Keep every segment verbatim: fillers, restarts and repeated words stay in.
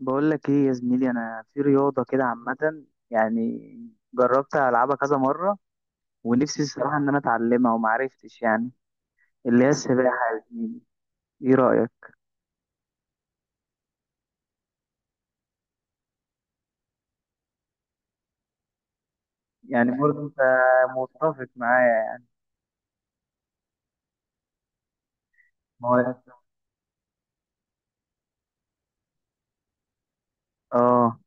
بقول لك ايه يا زميلي، انا في رياضه كده عامه، يعني جربت العبها كذا مره، ونفسي الصراحه ان انا اتعلمها وما عرفتش يعني، اللي هي السباحه يا زميلي. ايه رايك؟ يعني برضه انت متفق معايا يعني؟ ما هو اه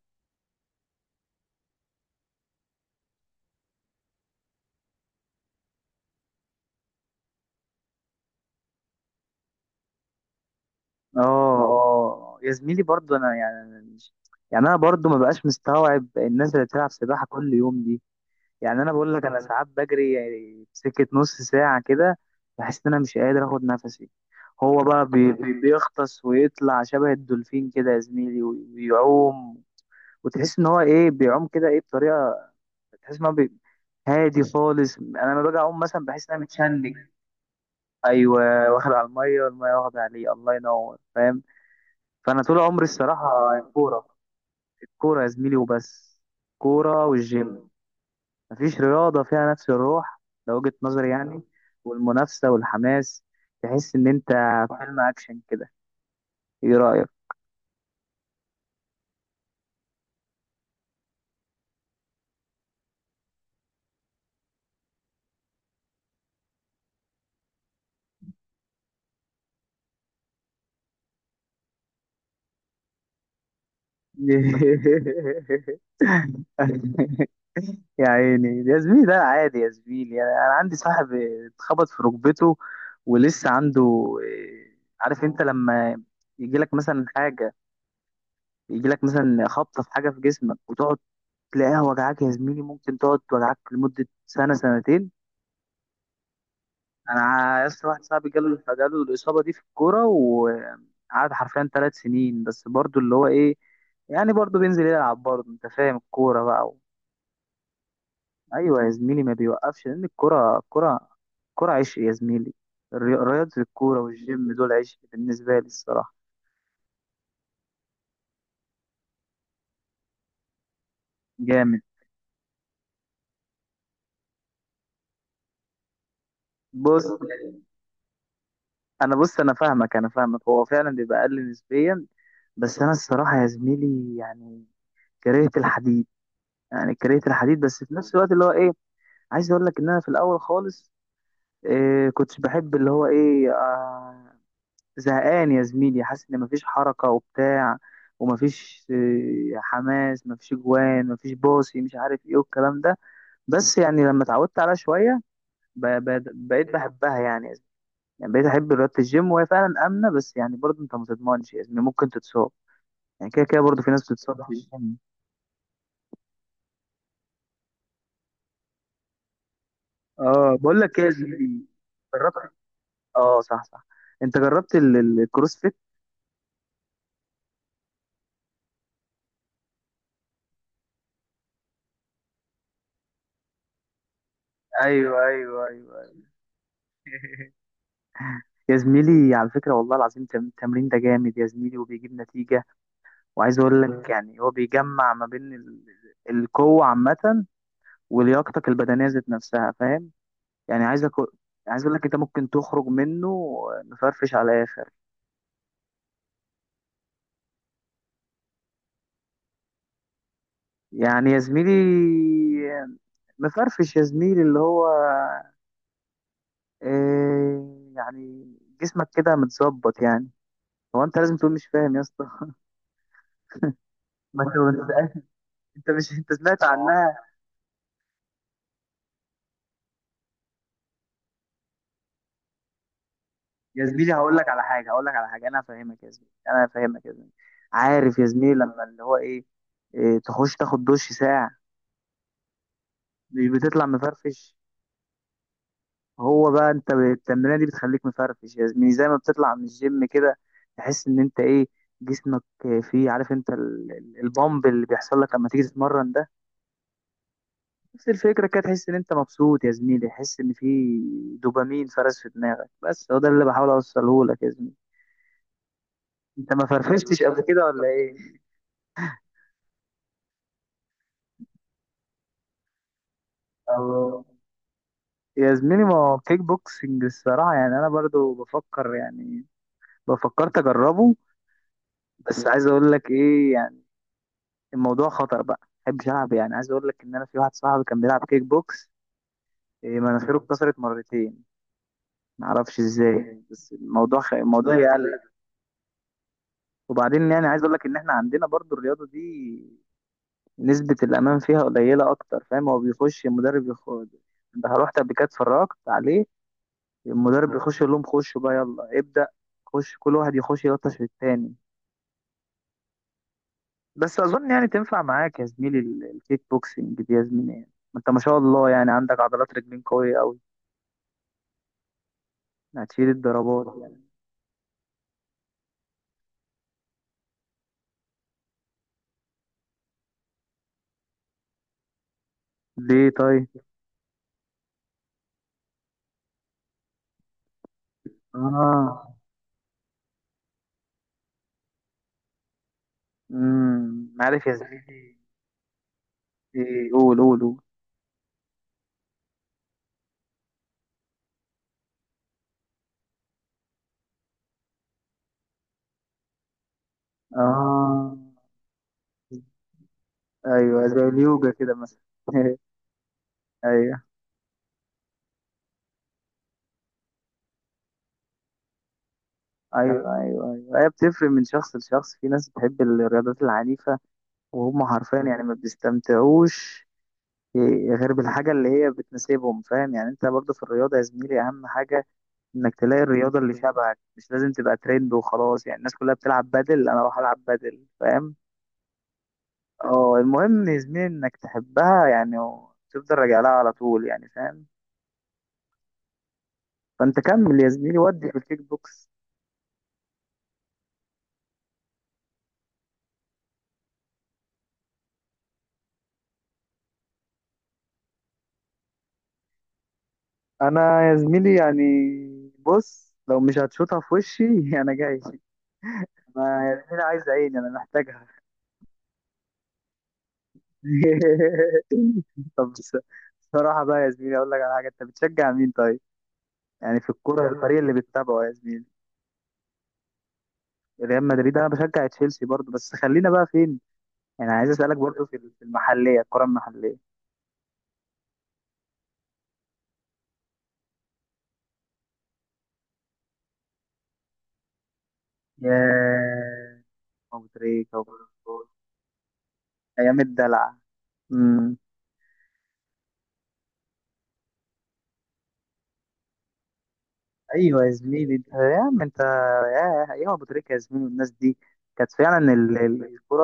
اه اه يا زميلي، برضه انا يعني يعني انا برضه ما بقاش مستوعب الناس اللي بتلعب سباحه كل يوم دي. يعني انا بقول لك انا ساعات بجري يعني سكه نص ساعه كده، بحس ان انا مش قادر اخد نفسي. هو بقى بي بي- بيغطس ويطلع شبه الدولفين كده يا زميلي، وي- ويعوم. وتحس ان هو ايه، بيعوم كده ايه بطريقه، تحس ان هو بي- هادي خالص. انا لما باجي اعوم مثلا بحس ان انا متشنج. ايوه، واخد على الميه والميه واخده عليه، الله ينور، فاهم. فانا طول عمري الصراحه الكوره، الكوره يا زميلي وبس، كوره والجيم. مفيش رياضة فيها نفس الروح، ده وجهة نظري يعني، والمنافسة والحماس، تحس إن أنت في فيلم أكشن كده. إيه رأيك؟ يا عيني يا زميلي، ده عادي يا زميلي. يعني أنا عندي صاحب اتخبط في ركبته ولسه عنده. إيه، عارف أنت لما يجيلك مثلا حاجة، يجيلك مثلا خبطة في حاجة في جسمك، وتقعد تلاقيها وجعاك يا زميلي، ممكن تقعد توجعك لمدة سنة سنتين. انا لسه واحد صاحبي جاله جاله الاصابه دي في الكوره، وقعد حرفيا ثلاث سنين بس، برضو اللي هو ايه، يعني برضو بينزل يلعب، برضو انت فاهم، الكوره بقى و... ايوه يا زميلي، ما بيوقفش، لان الكوره الكوره الكوره عشق يا زميلي. الري- رياضه الكوره والجيم دول عشق بالنسبه لي الصراحه. جامد. بص، انا بص، انا فاهمك، انا فاهمك هو فعلا بيبقى اقل نسبيا. بس انا الصراحه يا زميلي يعني كرهت الحديد، يعني كرهت الحديد، بس في نفس الوقت اللي هو ايه، عايز اقول لك ان انا في الاول خالص إيه، كنتش بحب اللي هو ايه آه، زهقان يا زميلي، حاسس ان مفيش حركه وبتاع، ومفيش إيه حماس، مفيش جوان، مفيش باصي، مش عارف ايه والكلام ده. بس يعني لما اتعودت عليها شويه، ب- ب- بقيت بحبها يعني يا زميلي. يعني بقيت احب رياضه الجيم، وهي فعلا امنه، بس يعني برضه انت ما تضمنش يا زميلي، ممكن تتصاب، يعني كده كده برضه في ناس بتتصاب في الجيم. اه، بقول لك ايه يا زميلي، جربت؟ اه صح صح، انت جربت ال- ال- الكروسفيت؟ ايوه ايوه ايوه أيوة. يا زميلي على فكرة، والله العظيم تم- التمرين ده جامد يا زميلي، وبيجيب نتيجة. وعايز اقول لك يعني هو بيجمع ما بين ال- القوة عامة ولياقتك البدنية ذات نفسها، فاهم. يعني عايز أكو... عايز اقول لك انت ممكن تخرج منه مفرفش على الاخر. يعني يا زميلي، مفرفش يا زميلي اللي هو إيه يعني، جسمك كده متظبط يعني. هو انت لازم تقول مش فاهم يا اسطى؟ ما انت ما انت، انت، مش انت سمعت عنها؟ يا زميلي هقول لك على حاجه، هقول لك على حاجه، انا هفهمك يا زميلي، انا هفهمك يا زميلي. عارف يا زميلي لما اللي هو ايه، إيه، تخش تاخد دش ساعه، مش بتطلع مفرفش؟ هو بقى انت ب- التمرينه دي بتخليك مفرفش يا زميلي، زي ما بتطلع من الجيم كده، تحس ان انت ايه، جسمك فيه، عارف انت ال- ال- البامب اللي بيحصل لك لما تيجي تتمرن ده، نفس الفكره كده، تحس ان انت مبسوط يا زميلي، تحس ان في دوبامين فرز في دماغك، بس هو ده اللي بحاول اوصله لك يا زميلي. انت ما فرفشتش قبل كده ولا ايه؟ الله، يا زميلي ما هو كيك بوكسنج، الصراحة يعني أنا برضو بفكر يعني، بفكرت أجربه، بس عايز أقول لك إيه يعني، الموضوع خطر بقى، محبش ألعب. يعني عايز أقول لك إن أنا في واحد صاحبي كان بيلعب كيك بوكس، إيه، مناخيره اتكسرت مرتين، معرفش إزاي، بس الموضوع خ... الموضوع يقلق. وبعدين يعني عايز أقول لك إن إحنا عندنا برضو الرياضة دي، نسبة الأمان فيها قليلة أكتر، فاهم، هو بيخش المدرب يخش، أنت رحت قبل كده اتفرجت عليه؟ المدرب بيخش يقول لهم خشوا بقى، يلا ابدأ، خش كل واحد يخش يلطش في التاني. بس اظن يعني تنفع معاك يا زميلي ال- الكيك بوكسنج دي يا زميلي، يعني ما انت ما شاء الله يعني عندك عضلات رجلين قوية قوي، هتشيل الضربات يعني. ليه طيب؟ اه، امم، عارف يا زميلي، إيه، قول قول قول. اه، ايوه زي اليوجا كده مثلا. ايوه ايوه ايوه ايوه، هي بتفرق من شخص لشخص، في ناس بتحب الرياضات العنيفة، وهم حرفيا يعني ما بيستمتعوش غير بالحاجة اللي هي بتناسبهم، فاهم. يعني انت برضه في الرياضة يا زميلي اهم حاجة انك تلاقي الرياضة اللي شبهك، مش لازم تبقى ترند وخلاص، يعني الناس كلها بتلعب بادل انا اروح العب بادل، فاهم. اه، المهم يا زميلي انك تحبها يعني، وتفضل راجع لها على طول يعني، فاهم. فانت كمل يا زميلي ودي في الكيك بوكس. انا يا زميلي يعني بص، لو مش هتشوطها في وشي انا جاي. انا يا زميلي عايز، عيني انا محتاجها. طب بص- بصراحة بقى يا زميلي، أقول لك على حاجة، أنت بتشجع مين طيب؟ يعني في الكورة، الفريق اللي بتتابعه يا زميلي؟ ريال مدريد. أنا بشجع تشيلسي برضه، بس خلينا بقى فين؟ يعني عايز أسألك برضه في في المحلية، الكورة المحلية. ياه، أبو تريكة أبو تريكة. أيام الدلع. امم. أيوه يا زميلي، أنت يا عم، أنت، ياه أيام أبو تريكة يا زميلي، والناس دي كانت فعلا ال- ال- الكورة،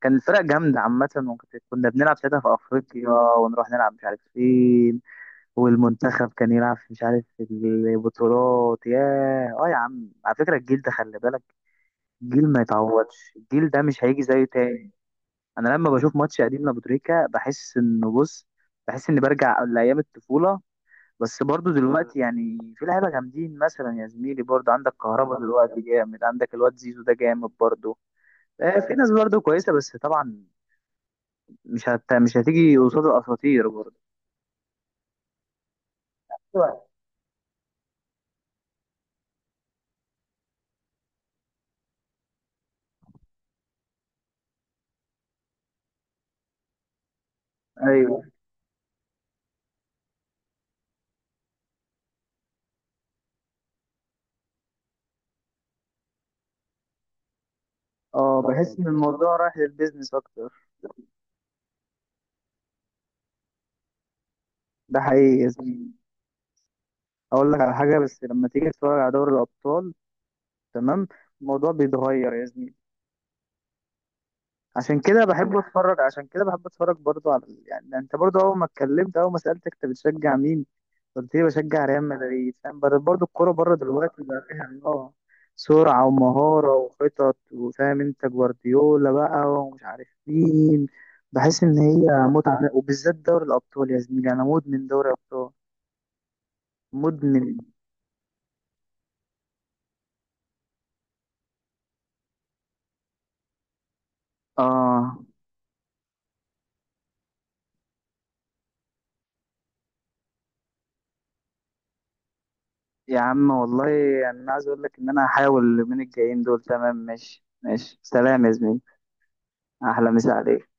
كان الفرق جامدة عامة، وكنا بنلعب ساعتها في أفريقيا، ونروح نلعب مش عارف فين، والمنتخب كان يلعب في، مش عارف في البطولات. ياه، اه يا عم، على فكرة الجيل ده خلي بالك، جيل ما يتعوضش، الجيل ده مش هيجي زيه تاني. انا لما بشوف ماتش قديم لابوتريكا بحس انه بص، بحس اني برجع لايام الطفولة. بس برضو دلوقتي يعني في لعيبة جامدين مثلا يا زميلي، برضو عندك كهربا دلوقتي جامد، عندك الواد زيزو ده جامد برضو. آه، في ناس برضو كويسة، بس طبعا مش هت... مش هتيجي قصاد الاساطير برضو. ايوه، اه، بحس ان الموضوع رايح للبيزنس اكتر. ده حقيقي يا زميلي. اقول لك على حاجه، بس لما تيجي تتفرج على دوري الابطال، تمام، الموضوع بيتغير يا زميلي. عشان كده بحب اتفرج، عشان كده بحب اتفرج برضو على ال- يعني انت برضو اول ما اتكلمت، اول ما سالتك انت بتشجع مين، قلت لي بشجع ريال مدريد، فاهم. بر- برضو الكوره بره دلوقتي بقى فيها اه، سرعه ومهاره وخطط، وفاهم انت، جوارديولا بقى ومش عارف مين. بحس ان هي متعه، وبالذات دوري الابطال يا زميلي، انا مدمن دوري ابطال. مدمن. اه يا عم والله. يعني انا عايز اقول لك ان انا هحاول اليومين الجايين دول، تمام؟ ماشي، ماشي، سلام يا زميلي. احلى مسا عليك.